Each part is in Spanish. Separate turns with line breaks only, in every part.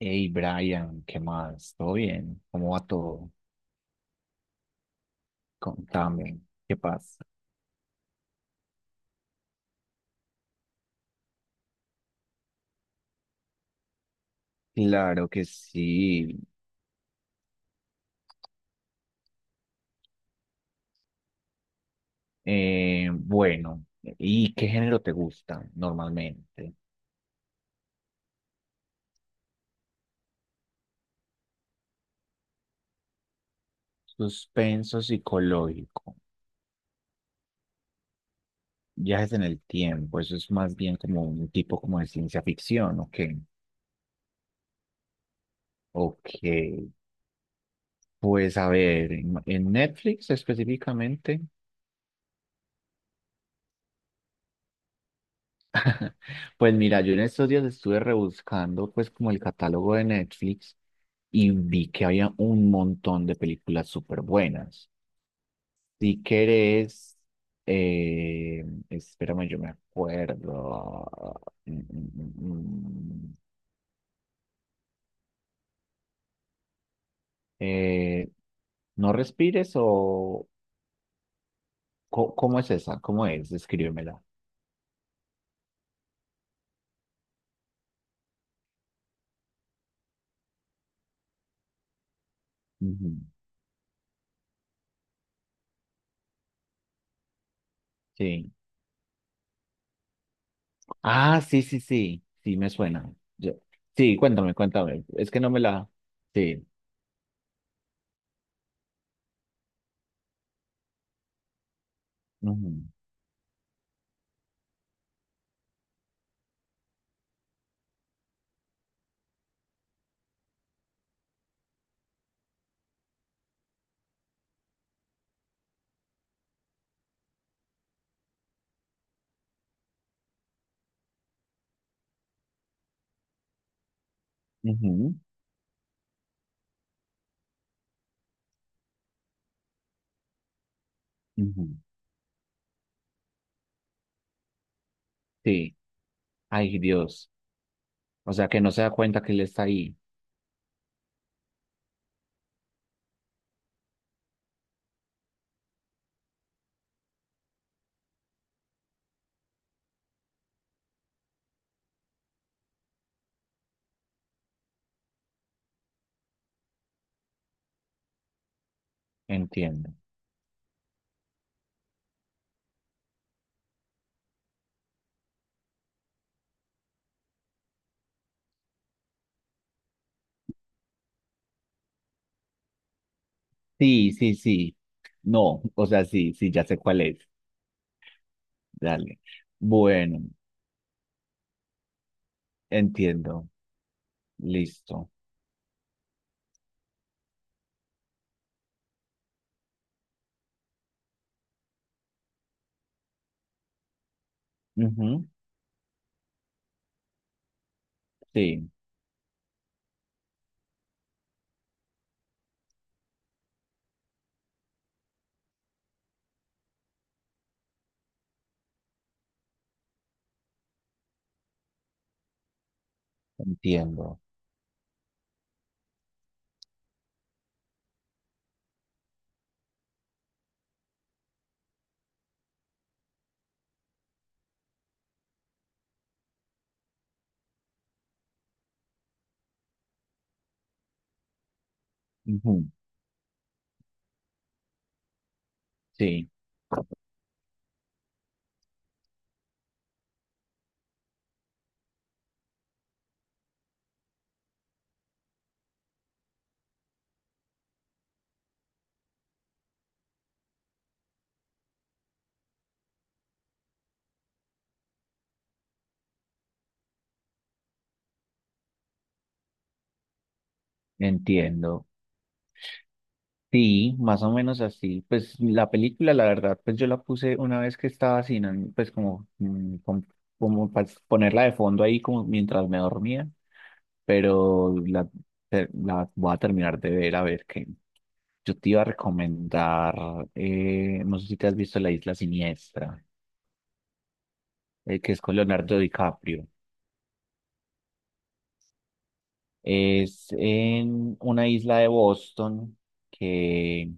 Hey Brian, ¿qué más? ¿Todo bien? ¿Cómo va todo? Contame, ¿qué pasa? Claro que sí. Bueno, ¿y qué género te gusta normalmente? Suspenso psicológico, viajes en el tiempo, eso es más bien como un tipo como de ciencia ficción, ¿o qué? Ok, pues a ver, en Netflix específicamente. Pues mira, yo en estos días estuve rebuscando pues como el catálogo de Netflix y vi que había un montón de películas súper buenas. Si querés, eh, espérame, yo me acuerdo. Mm, mm, mm, mm. Eh, ¿No respires o cómo es esa? ¿Cómo es? Descríbemela. Ujú. Sí. Ah, sí, sí, sí. Sí, me suena. Yo- Sí, cuéntame, cuéntame. Es que no me la... Sí. Ujú, ujú. Sí, ay Dios. O sea que no se da cuenta que él está ahí. Entiendo. Sí, sí, sí. No, o sea, sí, sí, ya sé cuál es. Dale. Bueno, entiendo. Listo. Ujú. Sí, entiendo. Ujú. Sí, entiendo. Sí, más o menos así. Pues la película, la verdad, pues yo la puse una vez que estaba sin, ánimo, pues como, como para ponerla de fondo ahí como mientras me dormía, pero la voy a terminar de ver a ver qué. Yo te iba a recomendar, no sé si te has visto La Isla Siniestra, que es con Leonardo DiCaprio. Es en una isla de Boston que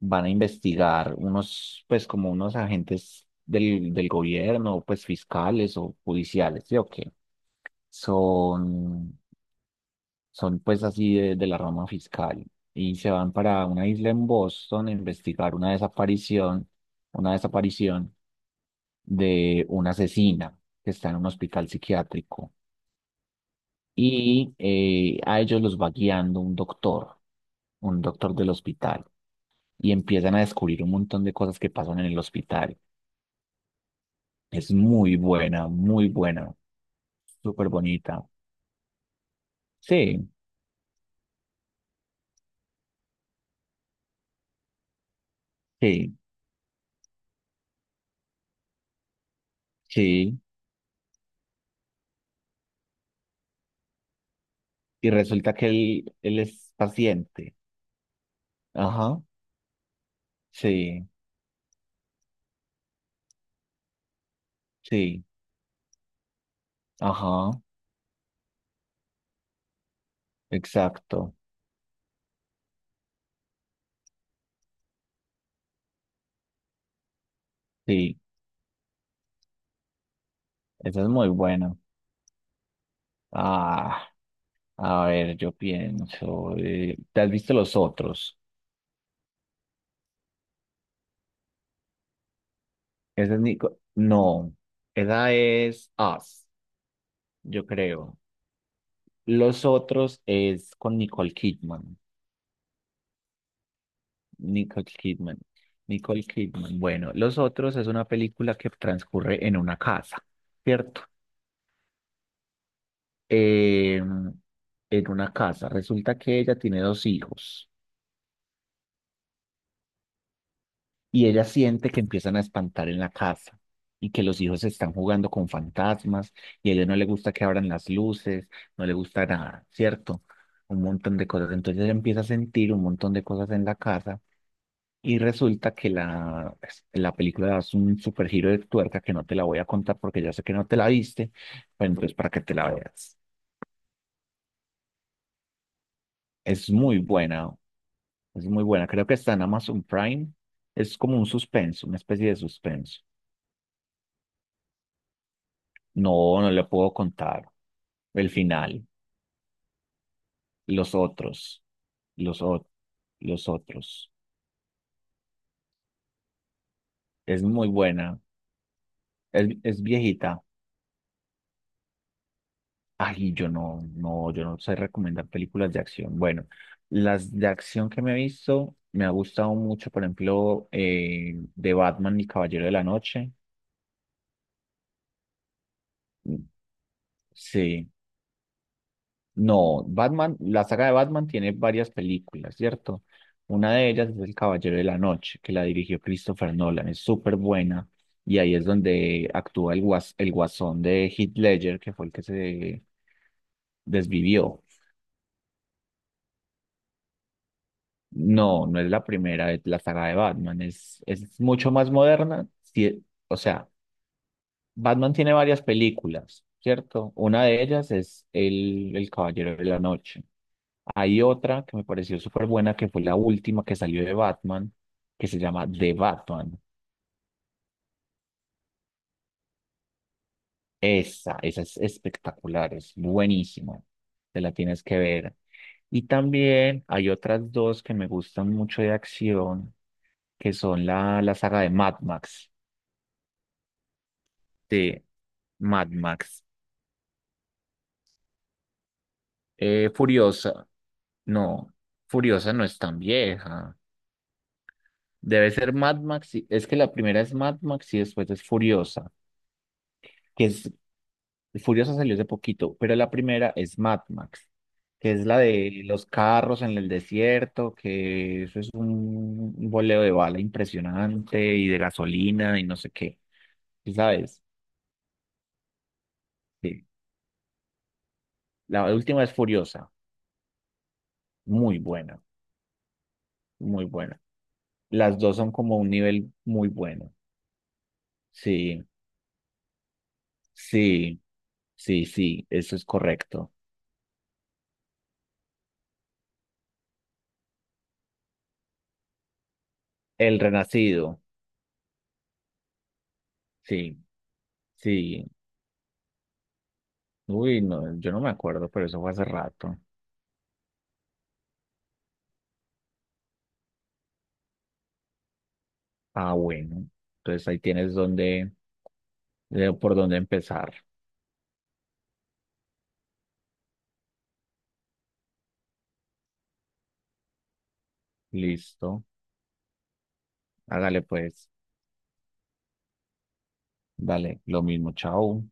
van a investigar unos, pues como unos agentes del gobierno, pues fiscales o judiciales, ¿sí o qué? Son, son pues así de la rama fiscal y se van para una isla en Boston a investigar una desaparición de una asesina que está en un hospital psiquiátrico y a ellos los va guiando un doctor del hospital, y empiezan a descubrir un montón de cosas que pasan en el hospital. Es muy buena, súper bonita. Sí, sí, sí. Y resulta que él es paciente. Ajá, sí, sí, ajá, exacto, sí. Esa es muy buena. Ah, a ver, yo pienso, ¿te has visto los otros? Esa es Nico. No, esa es Us, yo creo. Los otros es con Nicole Kidman. Nicole Kidman. Nicole Kidman. Bueno, Los otros es una película que transcurre en una casa, ¿cierto? Eh, en una casa. Resulta que ella tiene dos hijos. Y ella siente que empiezan a espantar en la casa y que los hijos están jugando con fantasmas y a ella no le gusta que abran las luces, no le gusta nada, ¿cierto? Un montón de cosas. Entonces ella empieza a sentir un montón de cosas en la casa y resulta que pues, la película es un super giro de tuerca que no te la voy a contar porque ya sé que no te la viste, pero entonces para que te la veas. Es muy buena, es muy buena. Creo que está en Amazon Prime. Es como un suspenso, una especie de suspenso. No, no le puedo contar. El final, los otros, los otros, los otros. Es muy buena. Es viejita. Ay, yo no, no, yo no sé recomendar películas de acción. Bueno, las de acción que me he visto, me ha gustado mucho, por ejemplo, de Batman y Caballero de la Noche. Mm. Sí. No, Batman, la saga de Batman tiene varias películas, ¿cierto? Una de ellas es El Caballero de la Noche, que la dirigió Christopher Nolan, es súper buena. Y ahí es donde actúa el guasón de Heath Ledger, que fue el que se desvivió. No, no es la primera, es la saga de Batman, es mucho más moderna. Sí, o sea, Batman tiene varias películas, ¿cierto? Una de ellas es el Caballero de la Noche. Hay otra que me pareció súper buena, que fue la última que salió de Batman, que se llama The Batman. Esa es espectacular, es buenísima. Te la tienes que ver. Y también hay otras dos que me gustan mucho de acción, que son la saga de Mad Max. De Mad Max. Furiosa. No, Furiosa no es tan vieja. Debe ser Mad Max. Es que la primera es Mad Max y después es Furiosa, que es Furiosa salió hace poquito, pero la primera es Mad Max, que es la de los carros en el desierto, que eso es un boleo de bala impresionante y de gasolina y no sé qué. ¿Sí? ¿Sabes? Sí. La última es Furiosa, muy buena, muy buena. Las dos son como un nivel muy bueno. Sí, sí, sí, sí, eso es correcto. El Renacido, sí, sí. Uy, no, yo no me acuerdo, pero eso fue hace rato. Ah, bueno. Entonces ahí tienes donde, por dónde empezar. Listo. Hágale pues. Dale, lo mismo. Chao.